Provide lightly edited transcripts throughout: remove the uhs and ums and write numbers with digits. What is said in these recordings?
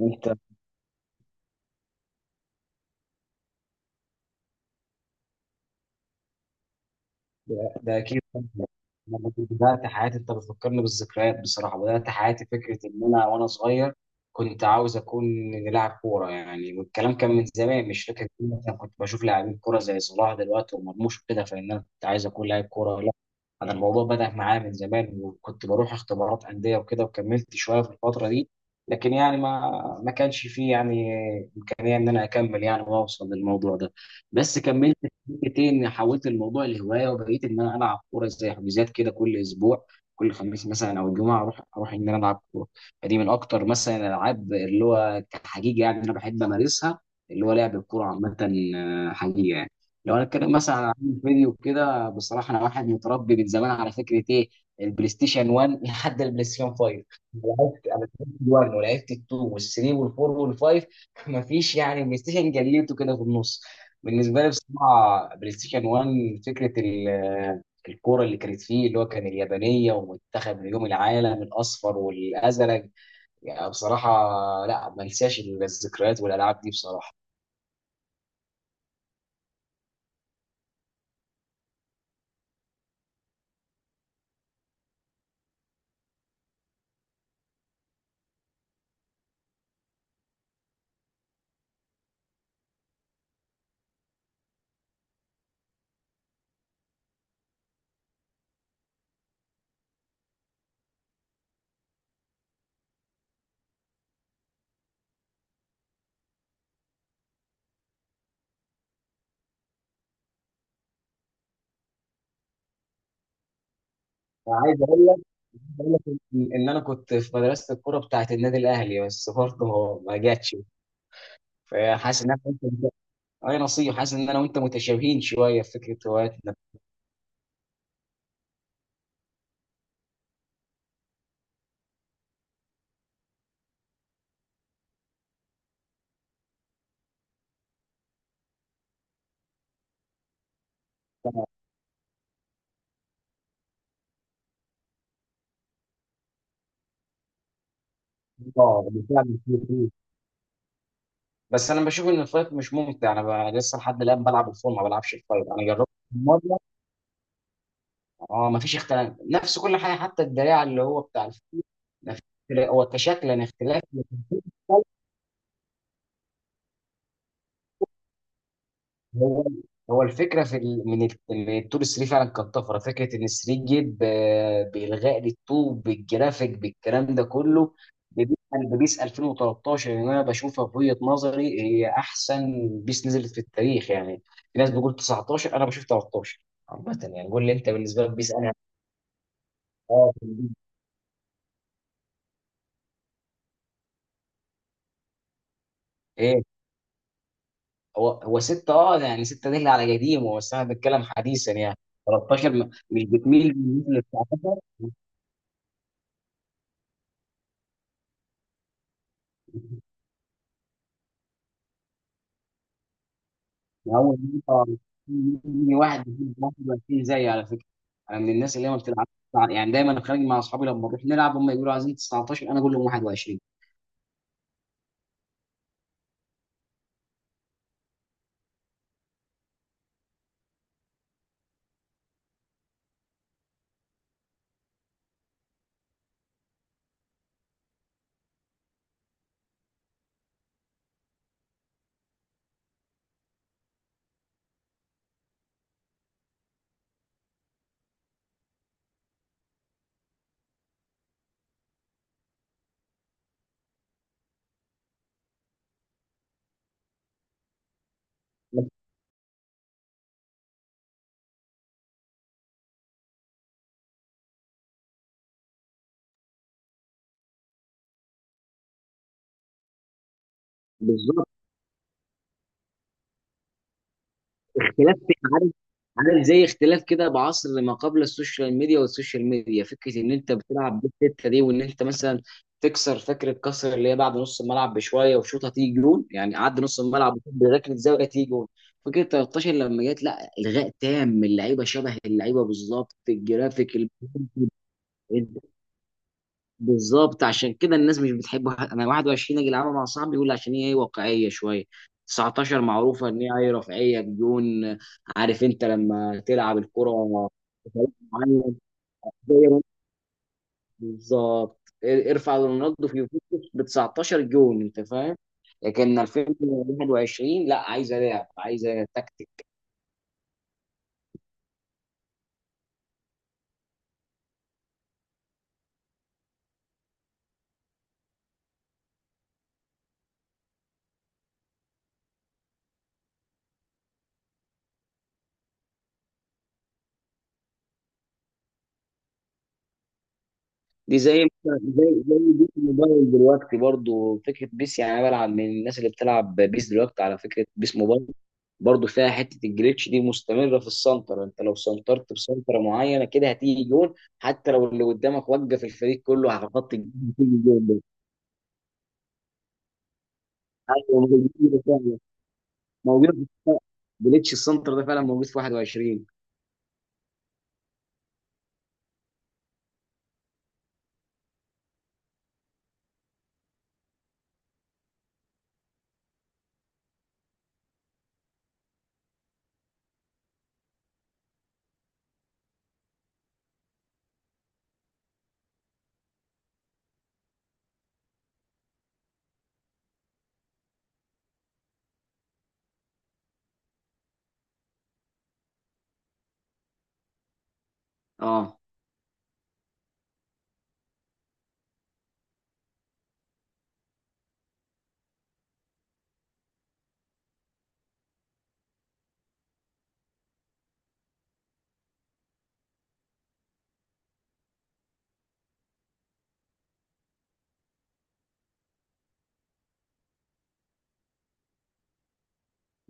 انت. ده اكيد طبعاً. انا برضو بدات حياتي، انت بتفكرني بالذكريات بصراحه. بدات حياتي فكره ان انا وانا صغير كنت عاوز اكون لاعب كوره يعني، والكلام كان من زمان مش فاكر كتير. مثلا كنت بشوف لاعبين كوره زي صلاح دلوقتي ومرموش وكده، فان انا كنت عايز اكون لاعب كوره. لا انا الموضوع بدا معايا من زمان، وكنت بروح اختبارات انديه وكده وكملت شويه في الفتره دي. لكن يعني ما كانش فيه يعني امكانيه ان انا اكمل يعني واوصل للموضوع ده. بس كملت فكرتي اني حولت الموضوع لهوايه وبقيت ان انا العب كوره زي حجوزات كده كل اسبوع. كل خميس مثلا او جمعه اروح ان انا العب كوره. فدي من اكتر مثلا الالعاب اللي هو كحقيقه يعني انا بحب امارسها، اللي هو لعب الكوره عامه. حقيقه يعني. لو انا اتكلم مثلا عن العاب الفيديو كده، بصراحه انا واحد متربي من زمان على فكره ايه؟ البلاي ستيشن 1 لحد البلاي ستيشن 5. لعبت، انا لعبت 1 ولعبت 2 وال3 وال4 وال5. مفيش يعني بلاي ستيشن جليته كده في النص. بالنسبه لي بصراحه بلاي ستيشن 1 فكره الكوره اللي كانت فيه، اللي هو كان اليابانيه ومنتخب نجوم العالم الاصفر والازرق. يعني بصراحه لا، ما انساش الذكريات والالعاب دي بصراحه. عايز اقول لك عايز أقول لك ان انا كنت في مدرسه الكوره بتاعت النادي الاهلي، بس برضه ما جاتش. فحاسس ان انا وانت اي نصيب، حاسس ان انا وانت متشابهين شويه في فكره هواياتنا. اه بالفعل. بس انا بشوف ان الفايت مش ممتع. انا لسه لحد الان بلعب الفول، ما بلعبش الفايت، انا جربت مره. اه ما فيش اختلاف، نفس كل حاجه حتى الدراع اللي هو بتاع الفول. ما فيش اختلاف، هو كشكل يعني اختلاف. هو هو الفكره في من من التور 3 فعلا كانت طفره. فكره ان 3 جي بالغاء للطوب بالجرافيك بالكلام ده كله. بيسأل ببيس 2013 اللي انا بشوفها في وجهه نظري هي احسن بيس نزلت في التاريخ يعني. في ناس بتقول 19، انا بشوف 13. عامه يعني قول لي انت بالنسبه لك بيس. انا اه ايه. هو 6، اه يعني 6 دي اللي على قديمه، بس انا بتكلم حديثا يعني 13 مش بتميل لل 19. من اول مره يجي واحد يجيب 21 زيي على فكره. انا من الناس اللي هي ما بتلعب يعني، دايما انا خارج مع اصحابي لما بنروح نلعب هم يقولوا عايزين 19، انا اقول لهم 21. بالظبط اختلاف كده، عارف؟ عارف زي اختلاف كده بعصر ما قبل السوشيال ميديا والسوشيال ميديا. فكره ان انت بتلعب بالتته دي، وان انت مثلا تكسر فكره كسر اللي هي بعد نص الملعب بشويه وشوطه تيجي جون يعني، عدى نص الملعب بركله زاويه تيجي جون. فكره 13 لما جت لا الغاء تام، اللعيبه شبه اللعيبه بالظبط، الجرافيك. بالظبط، عشان كده الناس مش بتحب انا 21 اجي العبها مع صاحبي يقول عشان هي ايه واقعيه شويه. 19 معروفه ان هي ايه رفاهيه بدون. عارف انت لما تلعب الكره بطريقة معينة، زي ما- بالظبط ارفع رونالدو في يوفنتوس ب 19 جون، انت فاهم؟ لكن 2021 لا، عايزه لعب عايزه تكتيك. دي زي زي بيس موبايل دلوقتي برضو. فكره بيس يعني انا بلعب من الناس اللي بتلعب بيس دلوقتي على فكره، بيس موبايل برضو فيها حته الجليتش دي مستمره في السنتر. انت لو سنترت بسنتره معينه كده هتيجي جون، حتى لو اللي قدامك وقف الفريق كله على خط الجون هتيجي جون ده. ايوه موجود فعلا. موجود جليتش السنتر ده فعلا موجود في 21. اه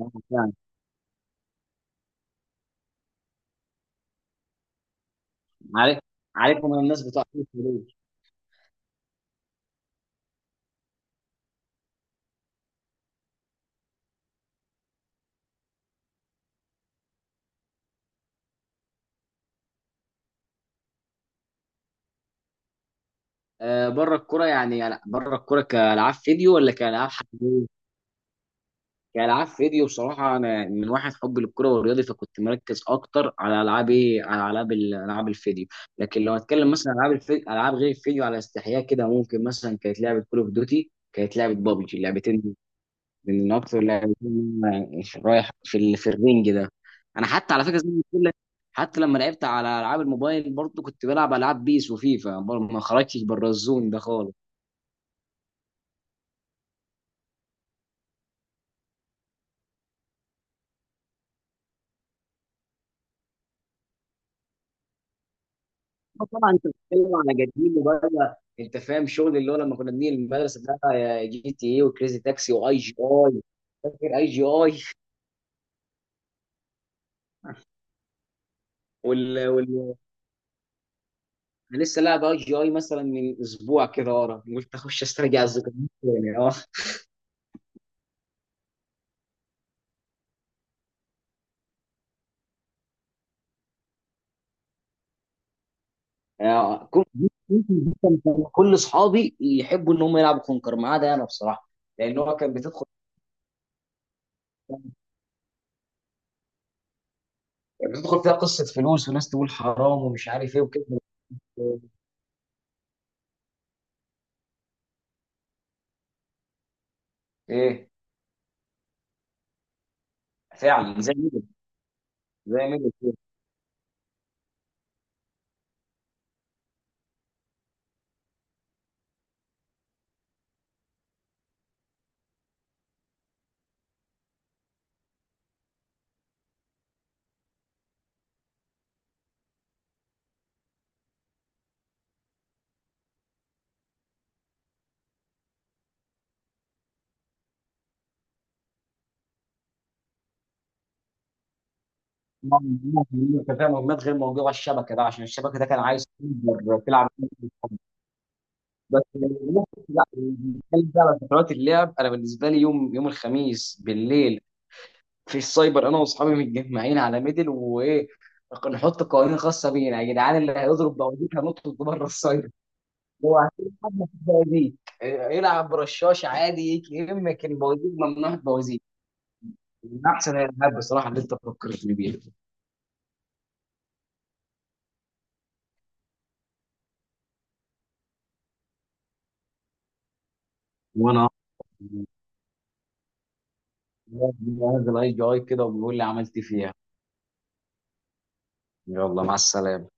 فعلا. عارف، عارفهم الناس بتوع. بره الكوره يعني، يعني بره الكوره كالعاب فيديو ولا كالعاب حقيقيه؟ كالعاب فيديو بصراحه، انا من واحد حبي للكره والرياضي فكنت مركز اكتر على العاب ايه، على العاب العاب الفيديو. لكن لو اتكلم مثلا عن العاب الفيديو، العاب غير الفيديو على استحياء كده ممكن مثلا كانت لعبه كول اوف دوتي، كانت لعبه بابجي، اللعبتين دول من اكتر لعبتين أنا رايح في في الرينج ده. انا حتى على فكره زي ما بقول لك، حتى لما لعبت على العاب الموبايل برضه كنت بلعب العاب بيس وفيفا، برضه ما خرجتش بره الزون ده خالص. آه طبعا، انت بتتكلم على قديم وبقى انت فاهم شغل، اللي هو لما كنا بنيجي المدرسه بقى يا جي تي اي وكريزي تاكسي واي جي اي. فاكر اي جي اي؟ وال وال انا لسه لاعب اي جي اي مثلا من اسبوع كده ورا، قلت اخش استرجع الذكريات يعني. اه آه، كنت كان كل اصحابي يحبوا ان هم يلعبوا كونكر ما عدا انا بصراحه. لان هو كان بتدخل فيها قصه فلوس وناس تقول حرام ومش عارف ايه وكده. ايه؟ فعلا زي ميدل. زي ميدل، انت فاهم مهمات غير موجوده على الشبكه ده، عشان الشبكه ده كان عايز تقدر تلعب بس. لا بنتكلم بقى على فترات اللعب، انا بالنسبه لي يوم يوم الخميس بالليل في السايبر، انا واصحابي متجمعين على ميدل. وايه، نحط قوانين خاصه بينا، يا جدعان اللي هيضرب بوازيك هنطرد بره السايبر. هو عشان حد في البوازيك، يلعب برشاش عادي يجي يمك البوازيك، ممنوع البوازيك. من احسن الالعاب بصراحه اللي انت فكرتني بيها. وانا منزل اي جي اي كده وبيقول لي عملت إيه فيها. يلا مع السلامة.